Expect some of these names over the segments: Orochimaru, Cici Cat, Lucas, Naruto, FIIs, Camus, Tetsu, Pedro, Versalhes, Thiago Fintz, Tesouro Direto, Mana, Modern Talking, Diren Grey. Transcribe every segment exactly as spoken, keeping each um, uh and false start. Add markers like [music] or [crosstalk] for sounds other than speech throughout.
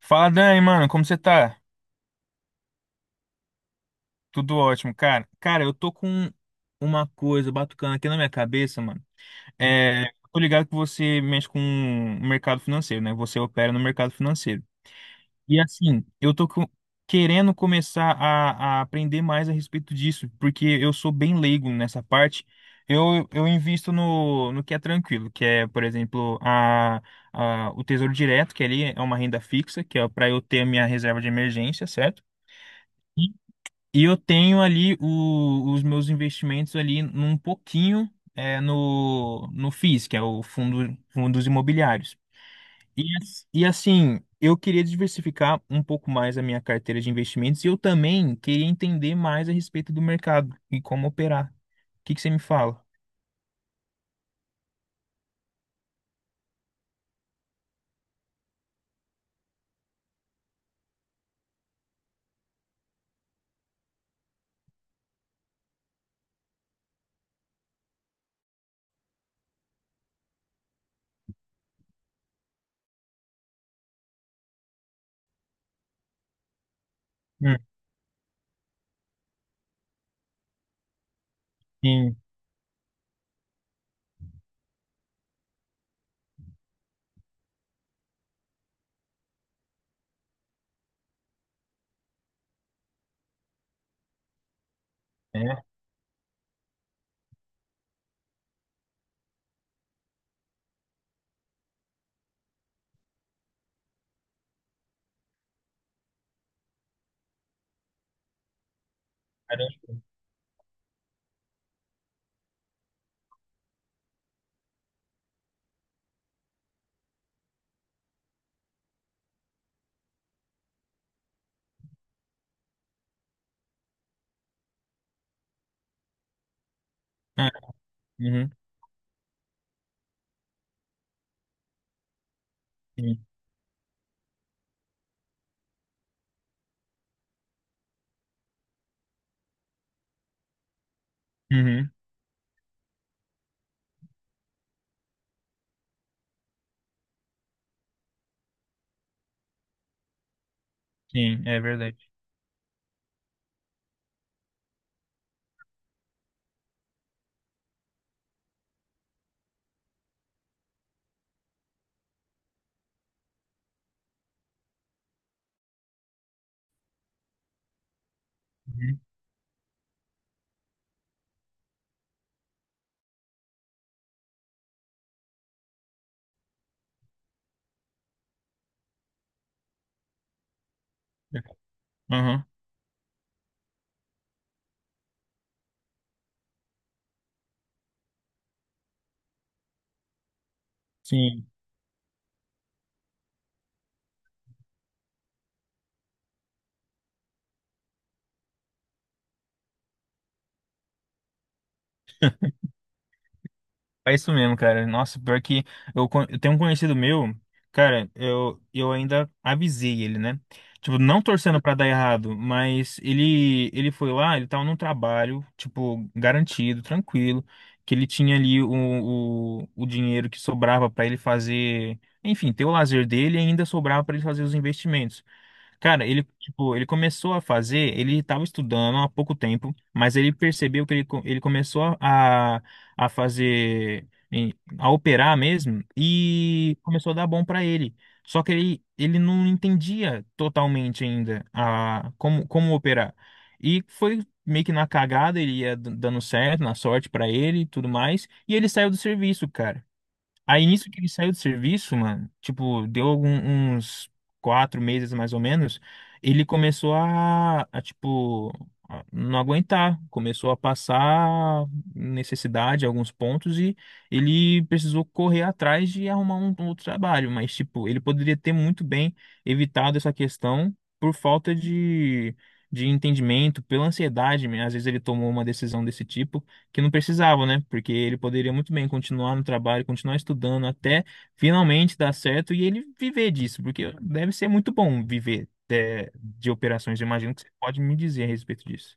Fala, Dani, mano, como você tá? Tudo ótimo, cara. Cara, eu tô com uma coisa batucando aqui na minha cabeça, mano. É, Tô ligado que você mexe com o mercado financeiro, né? Você opera no mercado financeiro. E assim, eu tô com- querendo começar a, a aprender mais a respeito disso, porque eu sou bem leigo nessa parte. Eu, eu invisto no, no que é tranquilo, que é, por exemplo, a, a, o Tesouro Direto, que ali é uma renda fixa, que é para eu ter a minha reserva de emergência, certo? E eu tenho ali o- os meus investimentos ali num pouquinho é, no, no F I Is, que é o fundo, fundos imobiliários. E, as- e assim, eu queria diversificar um pouco mais a minha carteira de investimentos e eu também queria entender mais a respeito do mercado e como operar. O que que você me fala? Hum, sim, é, caramba. Ah, uhum, sim, uhum, sim, é verdade. Uhum, uhum, sim. É isso mesmo, cara. Nossa, pior que eu, con- eu tenho um conhecido meu, cara, eu, eu ainda avisei ele, né? Tipo, não torcendo pra dar errado, mas ele ele foi lá, ele tava num trabalho, tipo, garantido, tranquilo, que ele tinha ali o, o, o dinheiro que sobrava pra ele fazer, enfim, ter o lazer dele e ainda sobrava pra ele fazer os investimentos. Cara, ele, tipo, ele começou a fazer, ele estava estudando há pouco tempo, mas ele percebeu que ele, co- ele começou a, a fazer, em- a operar mesmo, e começou a dar bom para ele. Só que ele, ele não entendia totalmente ainda a, como, como operar. E foi meio que na cagada, ele ia d- dando certo, na sorte para ele e tudo mais, e ele saiu do serviço, cara. Aí nisso que ele saiu do serviço, mano, tipo, deu algum- uns quatro meses mais ou menos, ele começou a, a, tipo, a não aguentar, começou a passar necessidade em alguns pontos e ele precisou correr atrás de arrumar um, um outro trabalho, mas, tipo, ele poderia ter muito bem evitado essa questão por falta de, de entendimento, pela ansiedade, né? Às vezes ele tomou uma decisão desse tipo que não precisava, né? Porque ele poderia muito bem continuar no trabalho, continuar estudando até finalmente dar certo e ele viver disso, porque deve ser muito bom viver de, de operações. Eu imagino que você pode me dizer a respeito disso.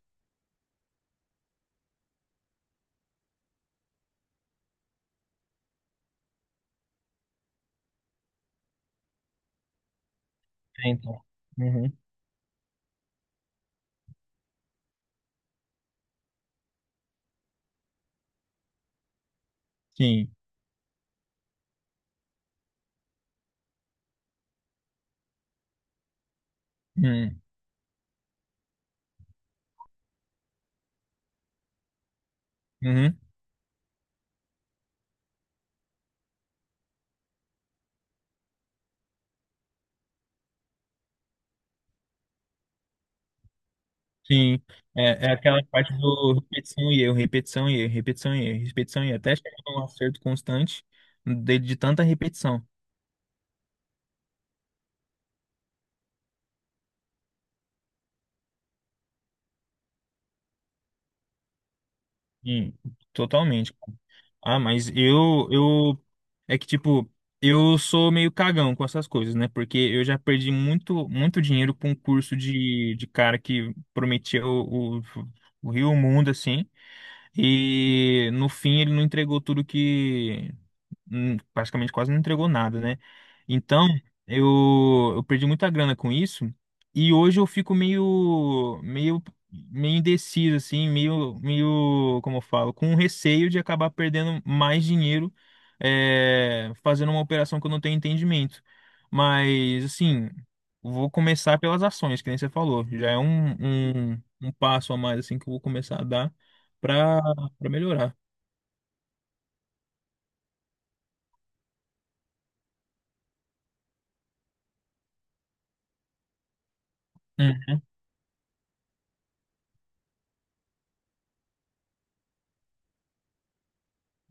É, então, uhum, sim, uhum, uhum, sim. É, é aquela parte do repetição e erro, repetição e erro, repetição e erro, repetição e erro, até chegar num acerto constante de, de tanta repetição. Sim, totalmente, cara. Ah, mas eu, eu, é que tipo, eu sou meio cagão com essas coisas, né? Porque eu já perdi muito, muito dinheiro com um curso de, de cara que prometia o, o, o Rio e o Mundo, assim, e no fim ele não entregou tudo que, hum, praticamente quase não entregou nada, né? Então, eu, eu perdi muita grana com isso e hoje eu fico meio, meio, meio indeciso, assim, meio, meio, como eu falo, com receio de acabar perdendo mais dinheiro é, fazendo uma operação que eu não tenho entendimento. Mas, assim, vou começar pelas ações, que nem você falou. Já é um, um, um passo a mais, assim, que eu vou começar a dar para melhorar. Uhum,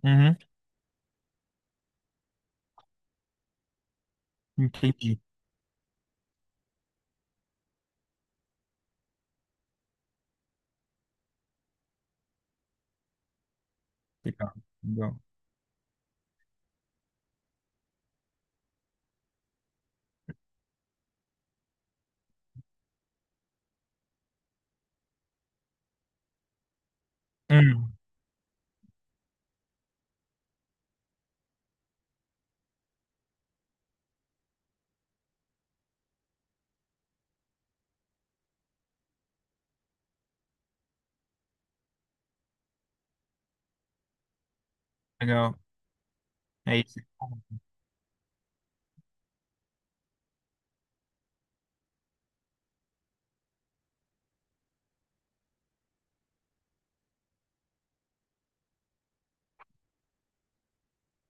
uhum, entendi. Legal, legal. Hum, legal. É isso.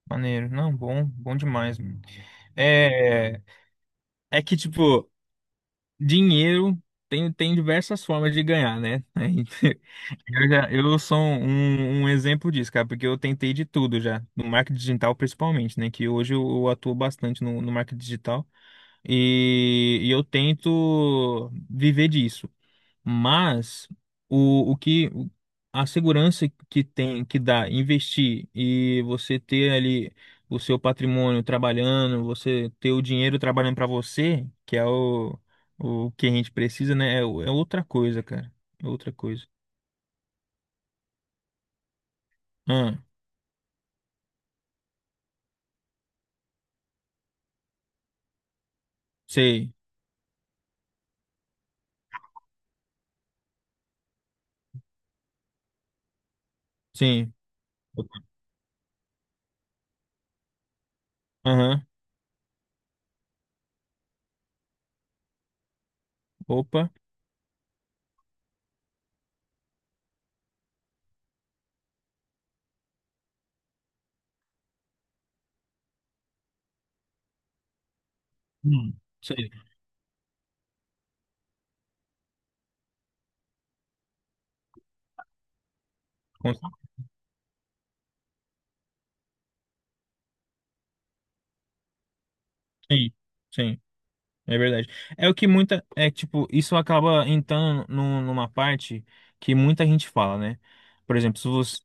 Maneiro. Não, bom, bom demais, mano. É, é que, tipo, dinheiro tem, tem diversas formas de ganhar, né? Aí, [laughs] eu, já, eu sou um, um exemplo disso, cara, porque eu tentei de tudo já, no marketing digital principalmente, né? Que hoje eu, eu atuo bastante no, no marketing digital e, e eu tento viver disso. Mas o, o que a segurança que tem que dá investir e você ter ali o seu patrimônio trabalhando, você ter o dinheiro trabalhando para você, que é o, o que a gente precisa, né? É, o- é outra coisa, cara. É outra coisa. Ah, sei. Sim. Aham. Opa. Hum. Sei. Com- sim, sim, é verdade. É o que muita. É tipo, isso acaba entrando num- numa parte que muita gente fala, né? Por exemplo, se você,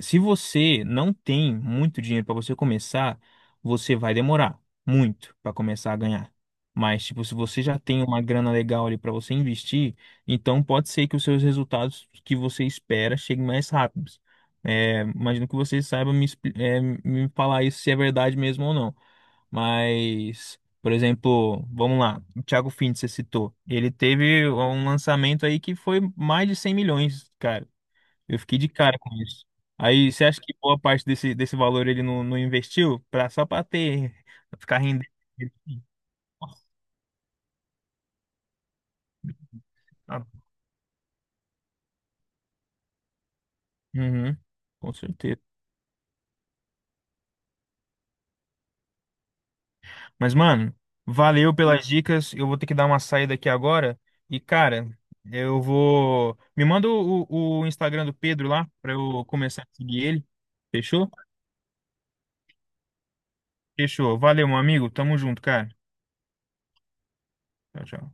se você não tem muito dinheiro para você começar, você vai demorar muito para começar a ganhar. Mas, tipo, se você já tem uma grana legal ali para você investir, então pode ser que os seus resultados que você espera cheguem mais rápidos. É, imagino que você saiba me, expli- é, me falar isso se é verdade mesmo ou não. Mas, por exemplo, vamos lá, o Thiago Fintz, você citou. Ele teve um lançamento aí que foi mais de cem milhões, cara. Eu fiquei de cara com isso. Aí, você acha que boa parte desse, desse valor ele não, não investiu pra, só para ter, [laughs] pra ficar rendendo? Nossa, tá. Uhum, com certeza. Mas, mano, valeu pelas dicas. Eu vou ter que dar uma saída aqui agora. E, cara, eu vou. Me manda o, o Instagram do Pedro lá pra eu começar a seguir ele. Fechou? Fechou. Valeu, meu amigo. Tamo junto, cara. Tchau, tchau.